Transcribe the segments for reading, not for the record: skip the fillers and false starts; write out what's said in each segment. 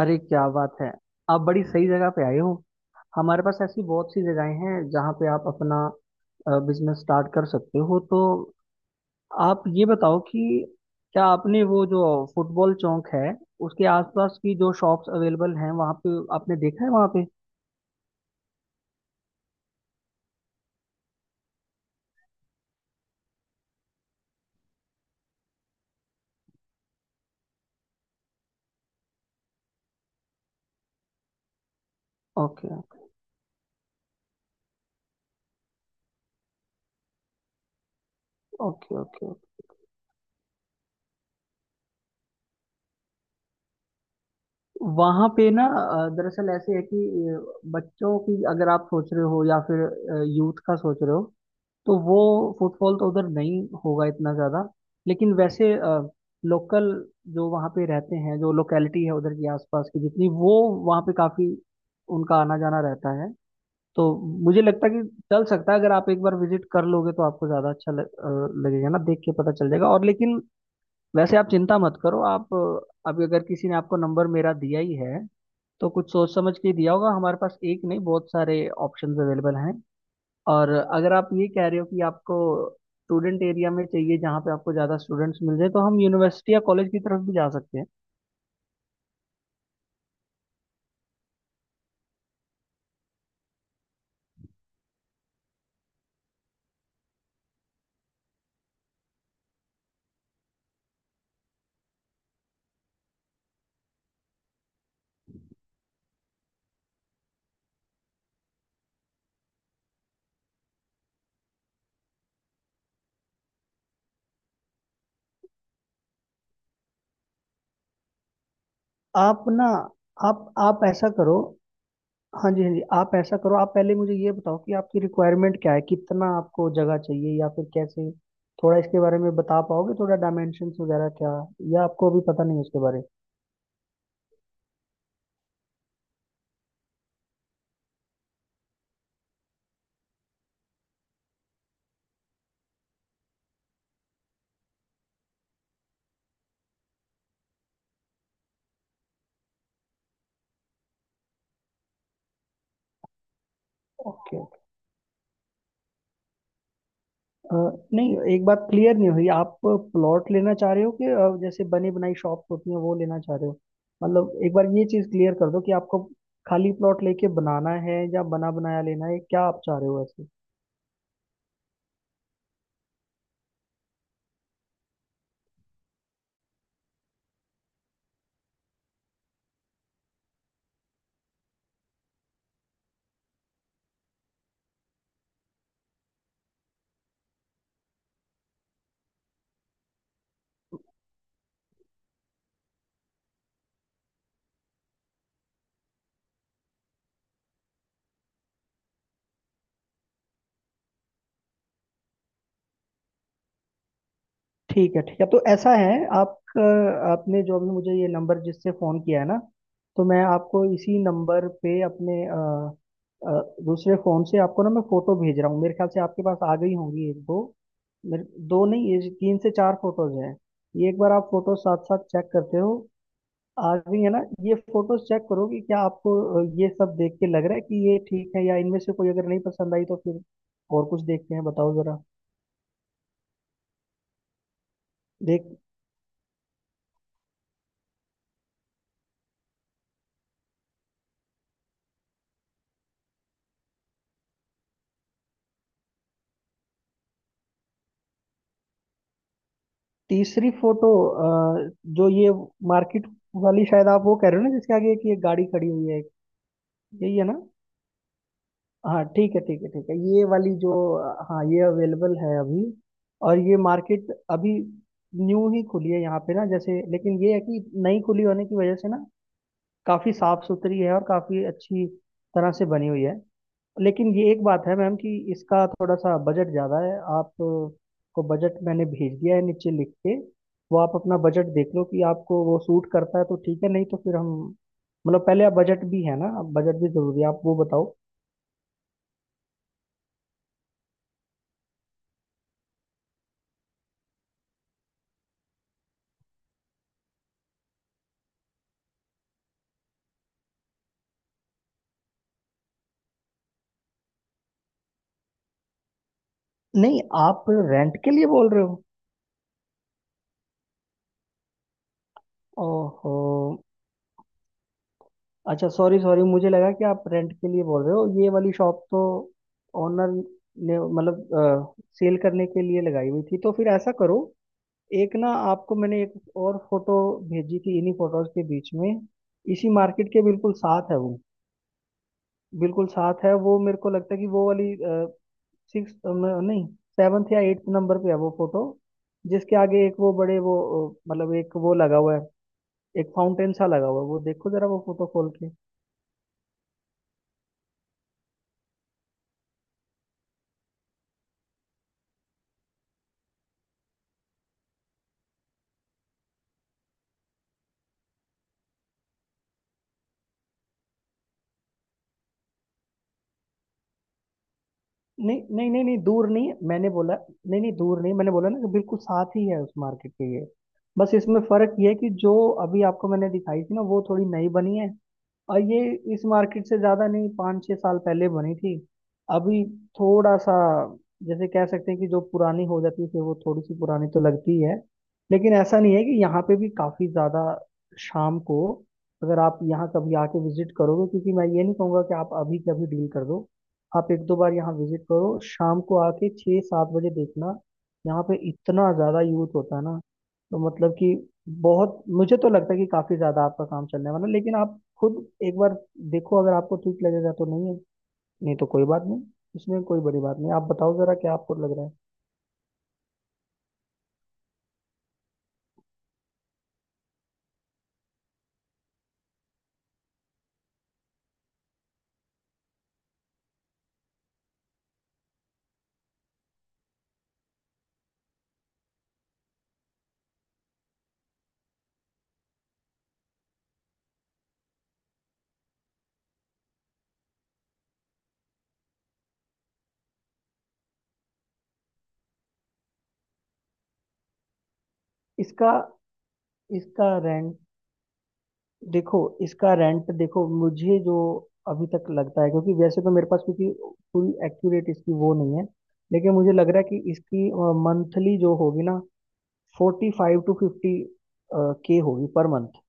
अरे, क्या बात है। आप बड़ी सही जगह पे आए हो। हमारे पास ऐसी बहुत सी जगहें हैं जहाँ पे आप अपना बिजनेस स्टार्ट कर सकते हो। तो आप ये बताओ कि क्या आपने वो जो फुटबॉल चौक है, उसके आसपास की जो शॉप्स अवेलेबल हैं वहाँ पे आपने देखा है वहाँ पे? Okay, okay, okay. वहाँ पे ना, दरअसल ऐसे है कि बच्चों की अगर आप सोच रहे हो या फिर यूथ का सोच रहे हो, तो वो फुटफॉल तो उधर नहीं होगा इतना ज़्यादा। लेकिन वैसे लोकल जो वहाँ पे रहते हैं, जो लोकेलिटी है उधर की आसपास की जितनी वो, वहाँ पे काफ़ी उनका आना जाना रहता है। तो मुझे लगता है कि चल सकता है। अगर आप एक बार विजिट कर लोगे तो आपको ज़्यादा अच्छा लगेगा ना, देख के पता चल जाएगा। और लेकिन वैसे आप चिंता मत करो। आप अभी अगर किसी ने आपको नंबर मेरा दिया ही है तो कुछ सोच समझ के ही दिया होगा। हमारे पास एक नहीं, बहुत सारे ऑप्शंस अवेलेबल हैं। और अगर आप ये कह रहे हो कि आपको स्टूडेंट एरिया में चाहिए जहाँ पे आपको ज़्यादा स्टूडेंट्स मिल जाए, तो हम यूनिवर्सिटी या कॉलेज की तरफ भी जा सकते हैं। आप ना, आप ऐसा करो। हाँ जी, हाँ जी, आप ऐसा करो। आप पहले मुझे ये बताओ कि आपकी रिक्वायरमेंट क्या है, कितना आपको जगह चाहिए या फिर कैसे, थोड़ा इसके बारे में बता पाओगे? थोड़ा डायमेंशंस वगैरह क्या, या आपको अभी पता नहीं है उसके बारे? ओके। अ, नहीं, एक बात क्लियर नहीं हुई। आप प्लॉट लेना चाह रहे हो कि जैसे बनी बनाई शॉप्स होती हैं वो लेना चाह रहे हो? मतलब एक बार ये चीज क्लियर कर दो कि आपको खाली प्लॉट लेके बनाना है या बना बनाया लेना है, क्या आप चाह रहे हो ऐसे? ठीक है, ठीक है। तो ऐसा है, आप अ, आपने जो अभी मुझे ये नंबर जिससे फ़ोन किया है ना, तो मैं आपको इसी नंबर पे अपने अ, दूसरे फ़ोन से आपको ना मैं फ़ोटो भेज रहा हूँ। मेरे ख्याल से आपके पास आ गई होंगी, एक दो। मेरे दो नहीं, ये तीन से चार फोटोज हैं। ये एक बार आप फोटो साथ साथ चेक करते हो। आ गई है ना? ये फोटोज चेक करो कि क्या आपको ये सब देख के लग रहा है कि ये ठीक है, या इनमें से कोई अगर नहीं पसंद आई तो फिर और कुछ देखते हैं, बताओ जरा। देख, तीसरी फोटो, अ, जो ये मार्केट वाली, शायद आप वो कह रहे हो ना जिसके आगे एक ये गाड़ी खड़ी हुई है? यही है ना? हाँ ठीक है, ठीक है, ठीक है। ये वाली जो, हाँ, ये अवेलेबल है अभी। और ये मार्केट अभी न्यू ही खुली है यहाँ पे ना, जैसे, लेकिन ये है कि नई खुली होने की वजह से ना, काफी साफ सुथरी है और काफी अच्छी तरह से बनी हुई है। लेकिन ये एक बात है मैम कि इसका थोड़ा सा बजट ज़्यादा है। आप को बजट मैंने भेज दिया है नीचे लिख के। वो आप अपना बजट देख लो कि आपको वो सूट करता है तो ठीक है, नहीं तो फिर हम, मतलब पहले आप बजट, भी है ना, बजट भी ज़रूरी है, आप वो बताओ। नहीं, आप रेंट के लिए बोल रहे हो? ओहो, अच्छा, सॉरी, सॉरी, मुझे लगा कि आप रेंट के लिए बोल रहे हो। ये वाली शॉप तो ओनर ने मतलब सेल करने के लिए लगाई हुई थी। तो फिर ऐसा करो, एक ना आपको मैंने एक और फोटो भेजी थी इन्हीं फोटोज के बीच में। इसी मार्केट के बिल्कुल साथ है वो, बिल्कुल साथ है वो। मेरे को लगता है कि वो वाली, सिक्स नहीं, सेवन्थ या एट्थ नंबर पे है वो फोटो, जिसके आगे एक वो बड़े वो, मतलब एक वो लगा हुआ है, एक फाउंटेन सा लगा हुआ है। वो देखो जरा वो फोटो खोल के। नहीं नहीं नहीं नहीं, दूर नहीं मैंने बोला। नहीं नहीं, दूर नहीं मैंने बोला ना कि बिल्कुल साथ ही है उस मार्केट के ये। बस इसमें फर्क ये है कि जो अभी आपको मैंने दिखाई थी ना, वो थोड़ी नई बनी है, और ये इस मार्केट से ज्यादा नहीं 5-6 साल पहले बनी थी। अभी थोड़ा सा, जैसे कह सकते हैं कि जो पुरानी हो जाती है फिर वो थोड़ी सी पुरानी तो लगती है। लेकिन ऐसा नहीं है। कि यहाँ पे भी काफी ज्यादा, शाम को अगर आप यहाँ कभी आके विजिट करोगे, क्योंकि मैं ये नहीं कहूँगा कि आप अभी कभी डील कर दो। आप एक दो बार यहाँ विजिट करो, शाम को आके 6-7 बजे देखना। यहाँ पे इतना ज्यादा यूथ होता है ना, तो मतलब कि बहुत, मुझे तो लगता है कि काफी ज्यादा आपका काम चलने वाला है, लेकिन आप खुद एक बार देखो। अगर आपको ठीक लगेगा तो, नहीं है नहीं तो कोई बात नहीं, इसमें कोई बड़ी बात नहीं। आप बताओ जरा, क्या आपको लग रहा है? इसका इसका रेंट देखो, इसका रेंट देखो। मुझे जो अभी तक लगता है, क्योंकि वैसे तो मेरे पास, क्योंकि पूरी एक्यूरेट इसकी वो नहीं है, लेकिन मुझे लग रहा है कि इसकी मंथली जो होगी ना, फोर्टी फाइव टू फिफ्टी के होगी पर मंथ।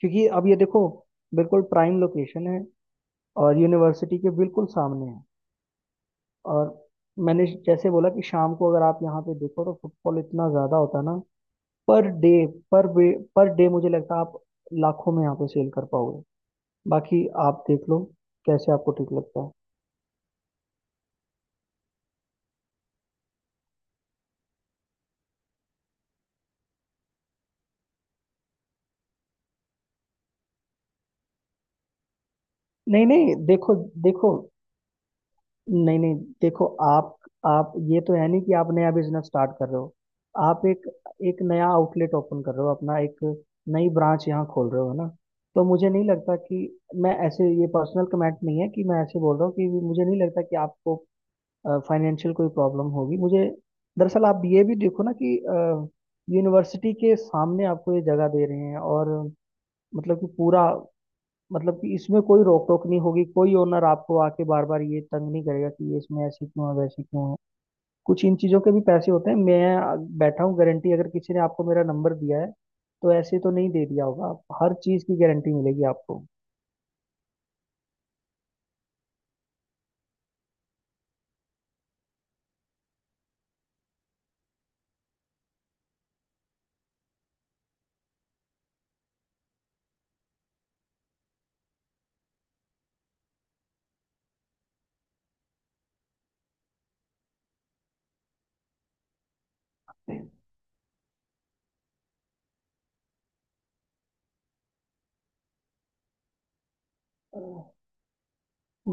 क्योंकि अब ये देखो, बिल्कुल प्राइम लोकेशन है और यूनिवर्सिटी के बिल्कुल सामने है। और मैंने जैसे बोला कि शाम को अगर आप यहाँ पे देखो तो फुटफॉल इतना ज्यादा होता है ना, per day, per day, per day मुझे लगता है आप लाखों में यहाँ पे सेल कर पाओगे। बाकी आप देख लो कैसे आपको ठीक लगता है। नहीं नहीं, देखो, देखो, नहीं नहीं, देखो आप ये तो है नहीं कि आप नया बिजनेस स्टार्ट कर रहे हो। आप एक एक नया आउटलेट ओपन कर रहे हो, अपना एक नई ब्रांच यहाँ खोल रहे हो, है ना। तो मुझे नहीं लगता कि, मैं ऐसे, ये पर्सनल कमेंट नहीं है कि मैं ऐसे बोल रहा हूँ, कि मुझे नहीं लगता कि आपको फाइनेंशियल कोई प्रॉब्लम होगी मुझे। दरअसल आप ये भी देखो ना कि यूनिवर्सिटी के सामने आपको ये जगह दे रहे हैं, और मतलब कि पूरा, मतलब कि इसमें कोई रोक टोक नहीं होगी, कोई ओनर आपको आके बार बार ये तंग नहीं करेगा कि ये इसमें ऐसी क्यों है वैसी क्यों है। कुछ इन चीज़ों के भी पैसे होते हैं। मैं बैठा हूँ गारंटी, अगर किसी ने आपको मेरा नंबर दिया है तो ऐसे तो नहीं दे दिया होगा। हर चीज़ की गारंटी मिलेगी आपको।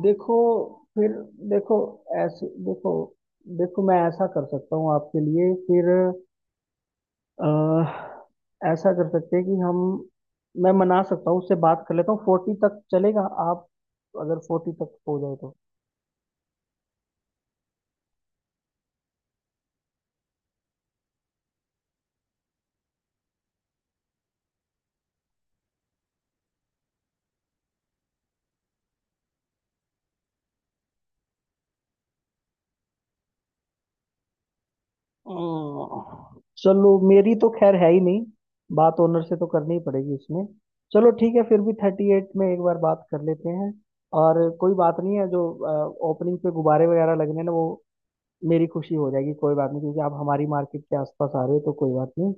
देखो, फिर देखो, ऐसे देखो, देखो मैं ऐसा कर सकता हूँ आपके लिए फिर, अ, ऐसा कर सकते हैं कि हम, मैं मना सकता हूँ, उससे बात कर लेता हूँ, फोर्टी तक चलेगा आप? अगर फोर्टी तक हो जाए तो? चलो मेरी तो खैर है ही नहीं, बात ओनर से तो करनी ही पड़ेगी इसमें। चलो ठीक है, फिर भी थर्टी एट में एक बार बात कर लेते हैं। और कोई बात नहीं है, जो ओपनिंग पे गुब्बारे वगैरह लगने ना, वो मेरी खुशी हो जाएगी। कोई बात नहीं, क्योंकि आप हमारी मार्केट के आसपास आ रहे हो तो कोई बात नहीं।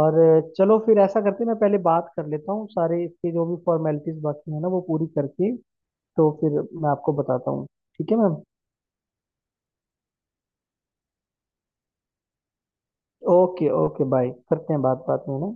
और चलो फिर ऐसा करते हैं, मैं पहले बात कर लेता हूँ, सारे इसके जो भी फॉर्मेलिटीज बाकी है ना, वो पूरी करके तो फिर मैं आपको बताता हूँ। ठीक है मैम। ओके, ओके, बाय करते हैं बात बात में ना।